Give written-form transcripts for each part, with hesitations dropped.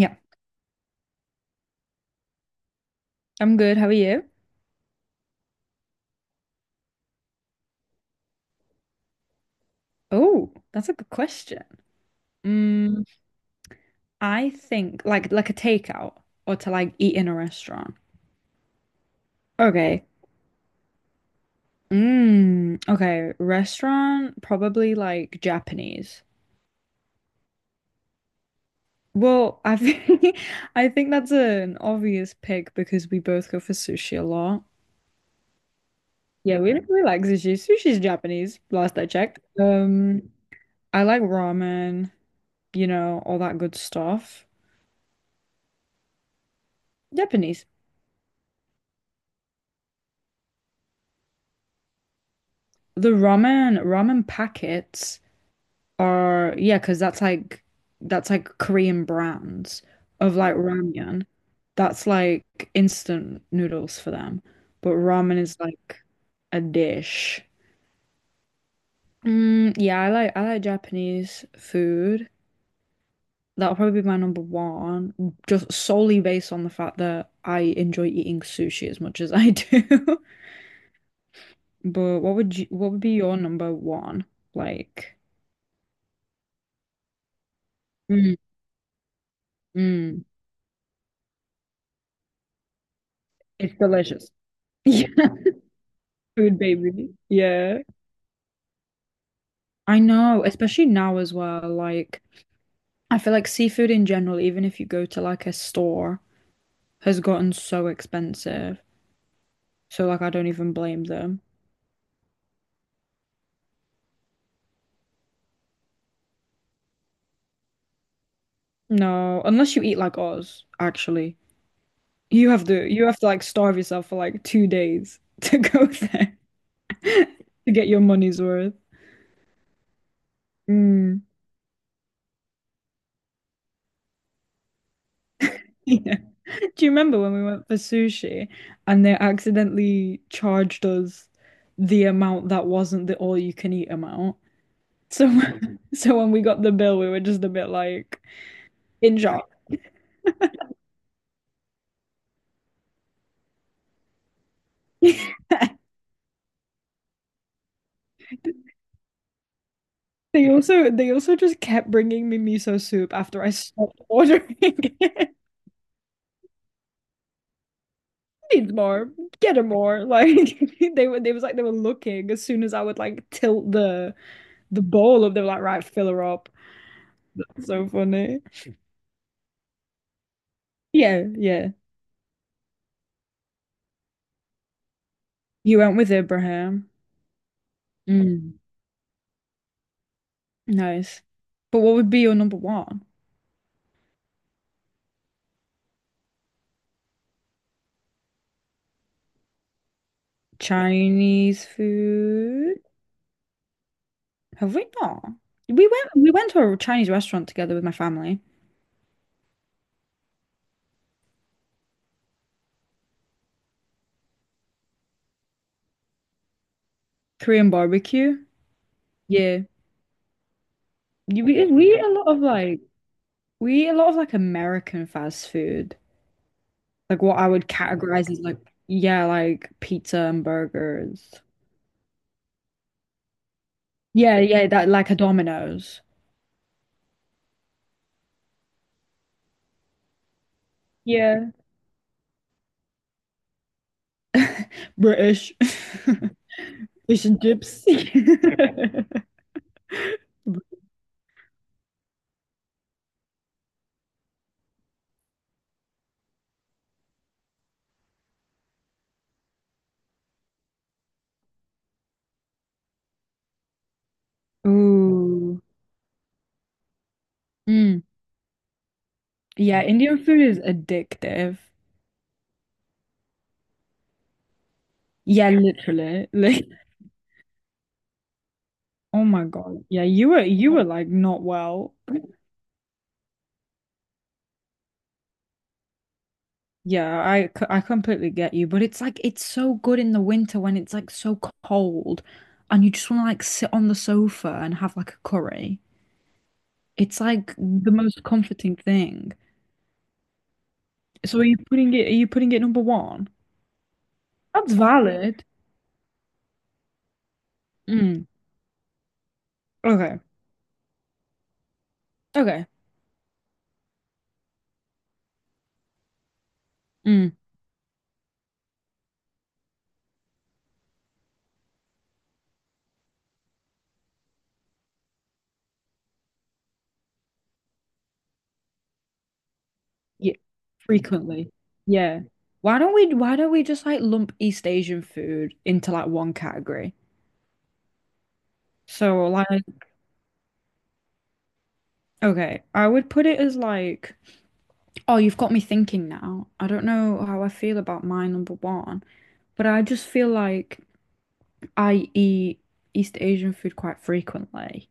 Yeah, I'm good. How are you? Oh, that's a good question. Mm, I think like a takeout or to like eat in a restaurant. Okay. Mm, okay. Restaurant, probably like Japanese. Well, I think I think that's an obvious pick because we both go for sushi a lot. Yeah, we like sushi. Sushi's Japanese, last I checked. I like ramen, you know, all that good stuff. Japanese. The ramen packets are yeah, because that's like Korean brands of like ramyun. That's like instant noodles for them. But ramen is like a dish. Mm, yeah, I like Japanese food. That'll probably be my number 1, just solely based on the fact that I enjoy eating sushi as much as I do. But what would be your number 1? Like, mm, mm. It's delicious. Yeah. Food baby. Yeah. I know, especially now as well. Like, I feel like seafood in general, even if you go to like a store, has gotten so expensive. So like I don't even blame them. No, unless you eat like us, actually. You have to like starve yourself for like 2 days to go there to get your money's worth. Mm. Yeah. Do you remember when we went for sushi and they accidentally charged us the amount that wasn't the all you can eat amount? So Mhm. so when we got the bill, we were just a bit like in shock. They also just kept bringing me miso soup after I stopped ordering it. Needs more. Get her more. Like they were they was like they were looking as soon as I would like tilt the bowl up, they were like, right, fill her up. So funny. Yeah, yeah. You went with Abraham. Mm. Nice. But what would be your number one? Chinese food? Have we not? We went to a Chinese restaurant together with my family. Korean barbecue. Yeah. We eat a lot of like American fast food. Like what I would categorize as like yeah, like pizza and burgers. Yeah, yeah, that like a Domino's. Yeah. British. Fish and chips. Ooh. Mm. Yeah, Indian food is addictive. Yeah, literally. Like, oh my God. Yeah, you were like not well. Yeah, I completely get you, but it's like it's so good in the winter when it's like so cold and you just want to like sit on the sofa and have like a curry. It's like the most comforting thing. So are you putting it number 1? That's valid. Mm. Okay. Okay. Mm. Yeah, frequently. Yeah. Why don't we just like lump East Asian food into like one category? So like okay, I would put it as like oh, you've got me thinking now. I don't know how I feel about my number 1, but I just feel like I eat East Asian food quite frequently.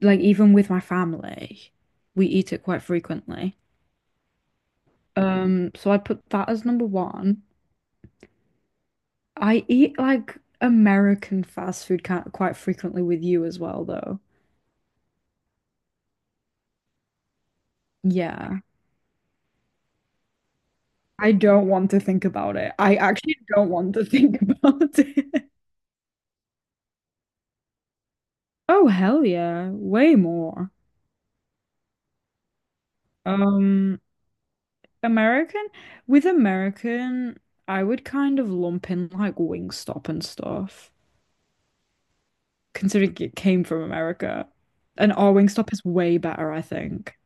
Like even with my family, we eat it quite frequently. So I'd put that as number 1. I eat like American fast food kind quite frequently with you as well, though. Yeah. I don't want to think about it. I actually don't want to think about it. Oh, hell yeah. Way more. Um, American, with American, I would kind of lump in like Wingstop and stuff, considering it came from America. And our Wingstop is way better, I think.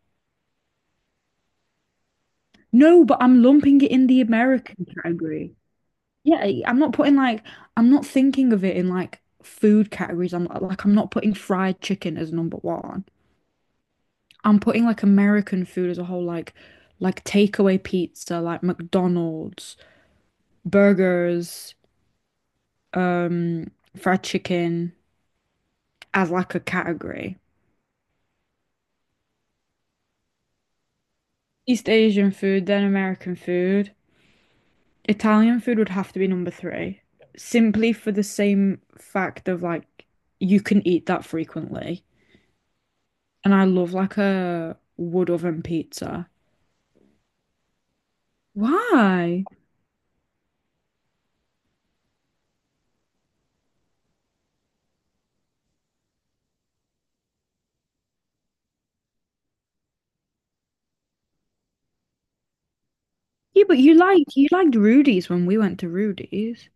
No, but I'm lumping it in the American category. Yeah, I'm not putting like I'm not thinking of it in like food categories. I'm like I'm not putting fried chicken as number 1. I'm putting like American food as a whole, like takeaway pizza, like McDonald's, burgers, um, fried chicken as like a category. East Asian food, then American food. Italian food would have to be number 3, simply for the same fact of like you can eat that frequently. And I love like a wood oven pizza. Why? Yeah, but you liked Rudy's when we went to Rudy's.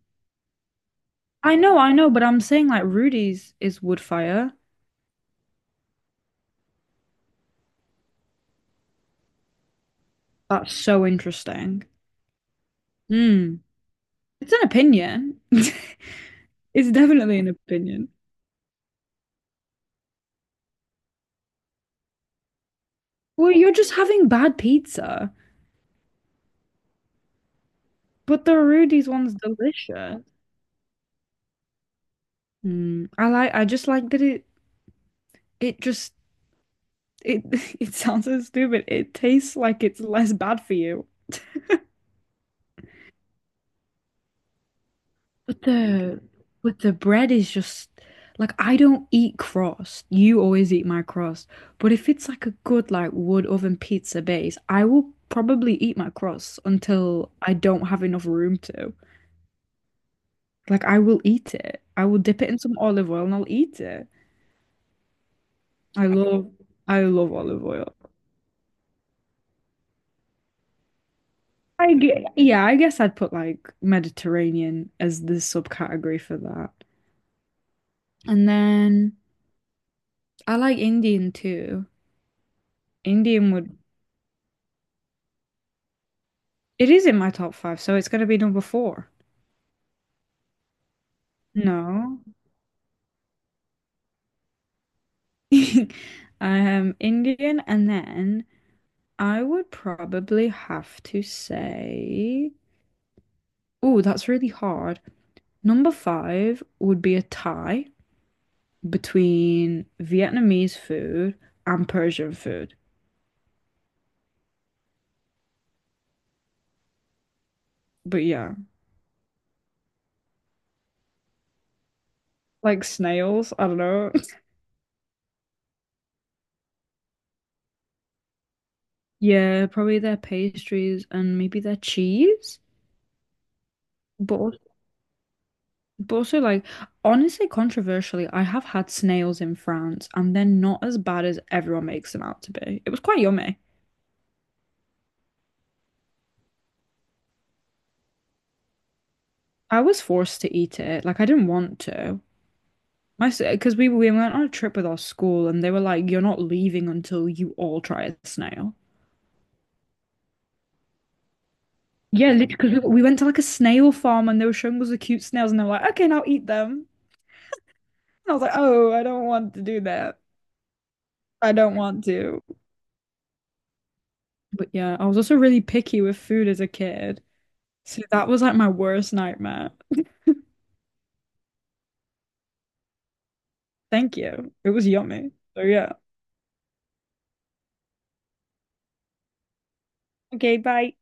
I know, but I'm saying like Rudy's is wood fire. That's so interesting. Hmm. It's an opinion. It's definitely an opinion. Well, you're just having bad pizza, but the Rudy's one's delicious. Hmm. I just like that it just it it sounds so stupid. It tastes like it's less bad for you. But the but the bread is just like I don't eat crust. You always eat my crust. But if it's like a good like wood oven pizza base, I will probably eat my crust until I don't have enough room to. Like I will eat it. I will dip it in some olive oil and I'll eat it. I love I love olive oil. Yeah, I guess I'd put like Mediterranean as the subcategory for that. And then I like Indian too. Indian would It is in my top 5, so it's gonna be number 4. No. Indian, and then I would probably have to say, oh, that's really hard. Number 5 would be a tie between Vietnamese food and Persian food. But yeah, like snails, I don't know. Yeah, probably their pastries and maybe their cheese, but but also, like, honestly, controversially, I have had snails in France and they're not as bad as everyone makes them out to be. It was quite yummy. I was forced to eat it. Like, I didn't want to. My, because we went on a trip with our school and they were like, you're not leaving until you all try a snail. Yeah, because we went to like a snail farm and they were showing us the cute snails and they were like, okay, now eat them. And I was like, oh, I don't want to do that. I don't want to. But yeah, I was also really picky with food as a kid. So that was like my worst nightmare. Thank you. It was yummy. So yeah. Okay, bye.